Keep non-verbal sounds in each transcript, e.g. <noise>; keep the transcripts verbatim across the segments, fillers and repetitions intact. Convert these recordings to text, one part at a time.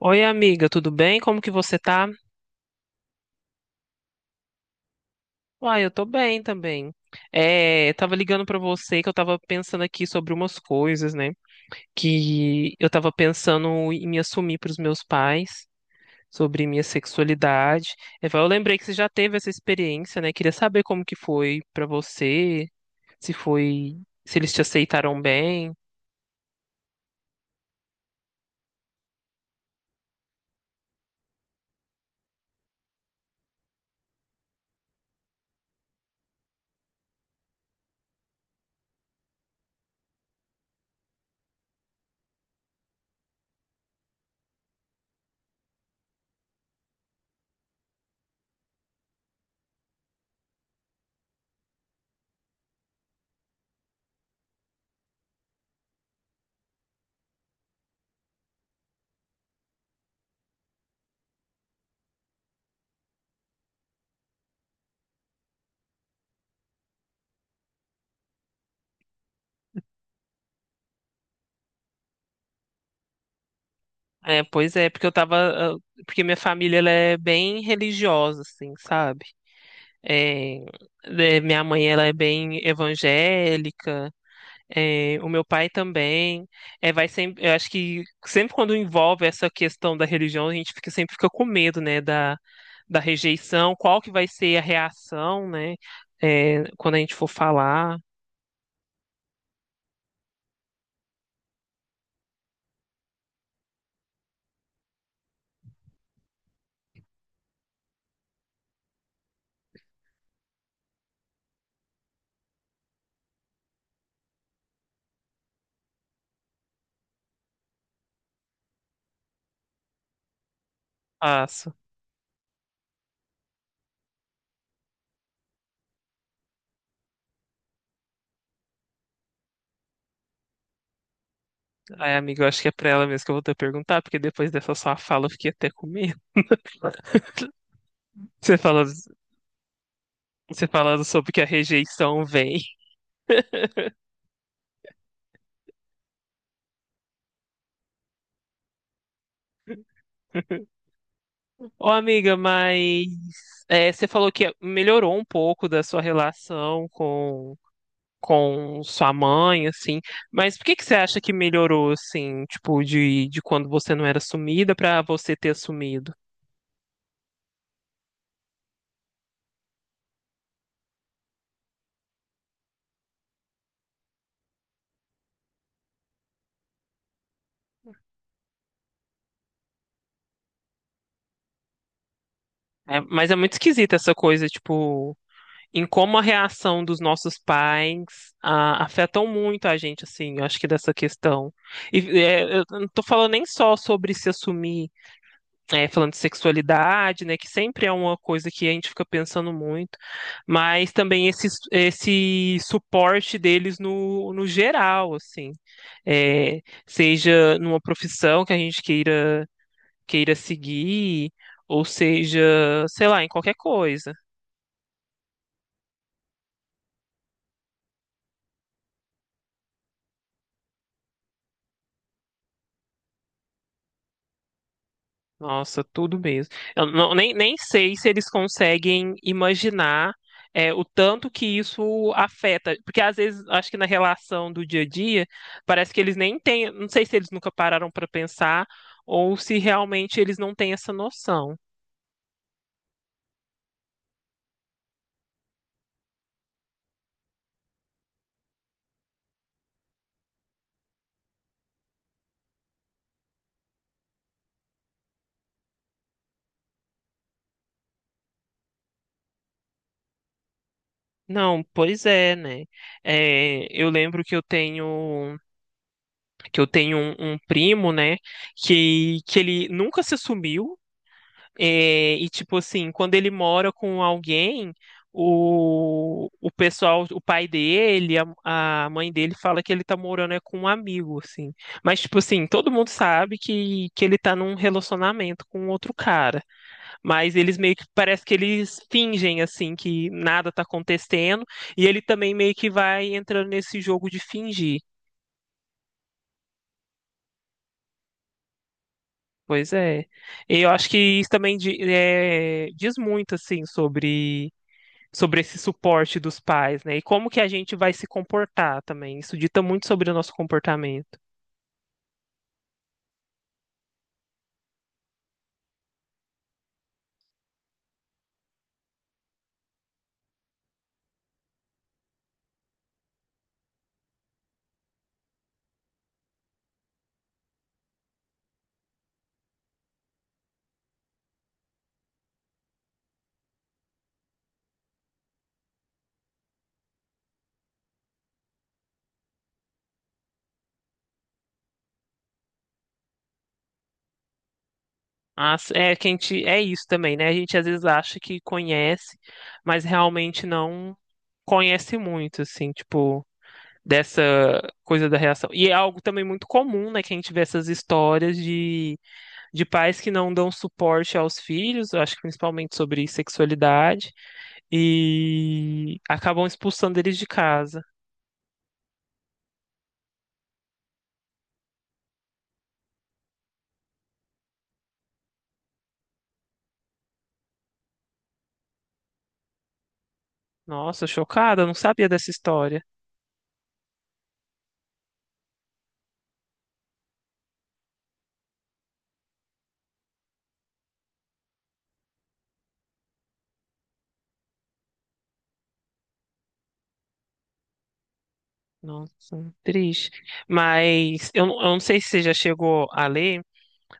Oi, amiga, tudo bem? Como que você tá? Uai, eu tô bem também. É, eu tava ligando pra você que eu tava pensando aqui sobre umas coisas, né? Que eu tava pensando em me assumir pros meus pais, sobre minha sexualidade. Eu falei, eu lembrei que você já teve essa experiência, né? Queria saber como que foi pra você, se foi, se eles te aceitaram bem. É, pois é, porque eu tava, ah, porque minha família ela é bem religiosa, assim, sabe? É, né, minha mãe ela é bem evangélica, é, o meu pai também. É, vai sempre, eu acho que sempre quando envolve essa questão da religião, a gente fica, sempre fica com medo, né, da, da rejeição, qual que vai ser a reação, né, é, quando a gente for falar. Passo. Ai, amiga, eu acho que é pra ela mesmo que eu vou ter que perguntar, porque depois dessa sua fala eu fiquei até com medo. <laughs> Você fala, Você falando sobre que a rejeição vem. Ô, amiga, mas é, você falou que melhorou um pouco da sua relação com, com sua mãe, assim. Mas por que que você acha que melhorou, assim, tipo, de, de quando você não era sumida pra você ter assumido? É, mas é muito esquisita essa coisa, tipo, em como a reação dos nossos pais ah, afetam muito a gente, assim, eu acho que dessa questão. E é, eu não tô falando nem só sobre se assumir é, falando de sexualidade, né, que sempre é uma coisa que a gente fica pensando muito, mas também esse, esse suporte deles no, no geral, assim, é, seja numa profissão que a gente queira, queira seguir, ou seja, sei lá, em qualquer coisa. Nossa, tudo mesmo. Eu não- nem, nem sei se eles conseguem imaginar é, o tanto que isso afeta. Porque às vezes, acho que na relação do dia a dia, parece que eles nem têm. Não sei se eles nunca pararam para pensar ou se realmente eles não têm essa noção. Não, pois é, né? É, eu lembro que eu tenho que eu tenho um, um primo, né, que, que ele nunca se assumiu. É, e tipo assim, quando ele mora com alguém, o, o pessoal, o pai dele, a, a mãe dele fala que ele tá morando é com um amigo, assim. Mas tipo assim, todo mundo sabe que, que ele tá num relacionamento com outro cara. Mas eles meio que parece que eles fingem assim que nada tá acontecendo, e ele também meio que vai entrando nesse jogo de fingir. Pois é. E eu acho que isso também di- é, diz muito assim sobre sobre esse suporte dos pais, né? E como que a gente vai se comportar também. Isso dita muito sobre o nosso comportamento. As- É que a gente, é isso também, né? A gente às vezes acha que conhece, mas realmente não conhece muito, assim, tipo, dessa coisa da reação. E é algo também muito comum, né? Que a gente vê essas histórias de de pais que não dão suporte aos filhos, eu acho que principalmente sobre sexualidade, e acabam expulsando eles de casa. Nossa, chocada, eu não sabia dessa história. Nossa, triste. Mas eu, eu não sei se você já chegou a ler.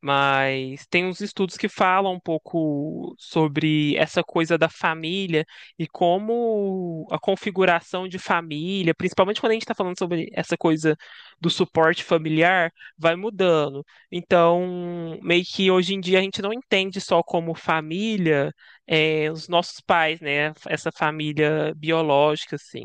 Mas tem uns estudos que falam um pouco sobre essa coisa da família e como a configuração de família, principalmente quando a gente está falando sobre essa coisa do suporte familiar, vai mudando. Então, meio que hoje em dia a gente não entende só como família, eh, os nossos pais, né? Essa família biológica, assim.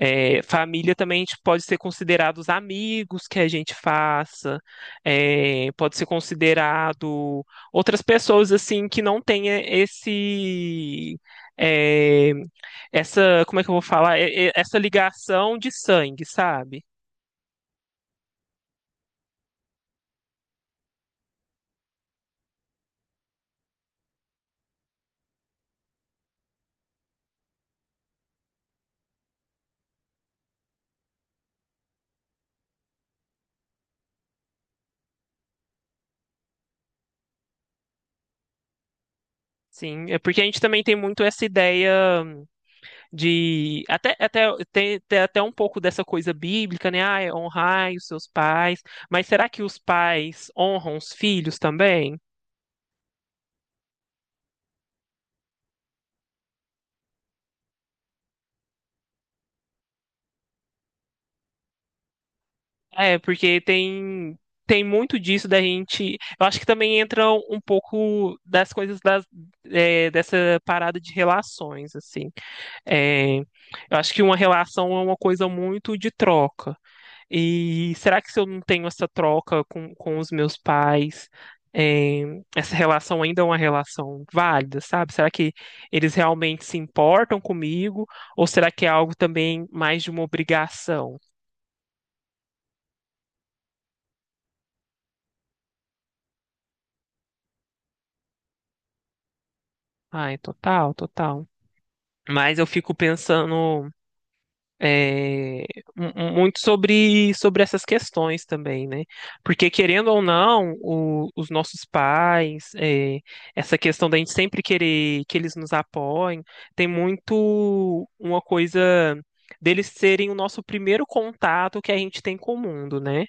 É, família também a gente pode ser considerado os amigos que a gente faça, é, pode ser considerado outras pessoas assim que não tenha, esse é, essa como é que eu vou falar, É- é- essa ligação de sangue, sabe? Sim, é porque a gente também tem muito essa ideia de até até tem, tem até um pouco dessa coisa bíblica, né? Ah, honrai os seus pais, mas será que os pais honram os filhos também? É, porque tem tem muito disso da gente. Eu acho que também entra um pouco das coisas das, é, dessa parada de relações, assim. É, eu acho que uma relação é uma coisa muito de troca. E será que se eu não tenho essa troca com, com os meus pais, é, essa relação ainda é uma relação válida, sabe? Será que eles realmente se importam comigo? Ou será que é algo também mais de uma obrigação? Ai, total, total. Mas eu fico pensando, é, mu- mu- muito sobre, sobre essas questões também, né? Porque, querendo ou não, o- os nossos pais, é, essa questão da gente sempre querer que eles nos apoiem, tem muito uma coisa deles serem o nosso primeiro contato que a gente tem com o mundo, né?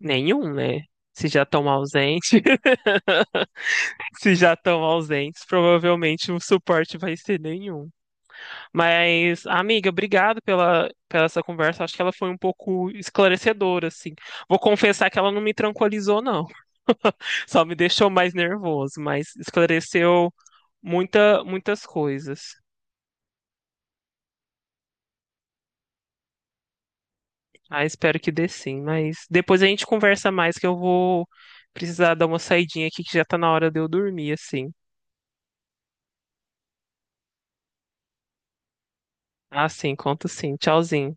Nenhum, né? Se já estão ausentes, <laughs> se já estão ausentes, provavelmente o suporte vai ser nenhum. Mas, amiga, obrigado pela, pela essa conversa. Acho que ela foi um pouco esclarecedora, assim. Vou confessar que ela não me tranquilizou, não. <laughs> Só me deixou mais nervoso, mas esclareceu muita, muitas coisas. Ah, espero que dê sim. Mas depois a gente conversa mais, que eu vou precisar dar uma saidinha aqui, que já tá na hora de eu dormir, assim. Ah, sim, conto sim. Tchauzinho.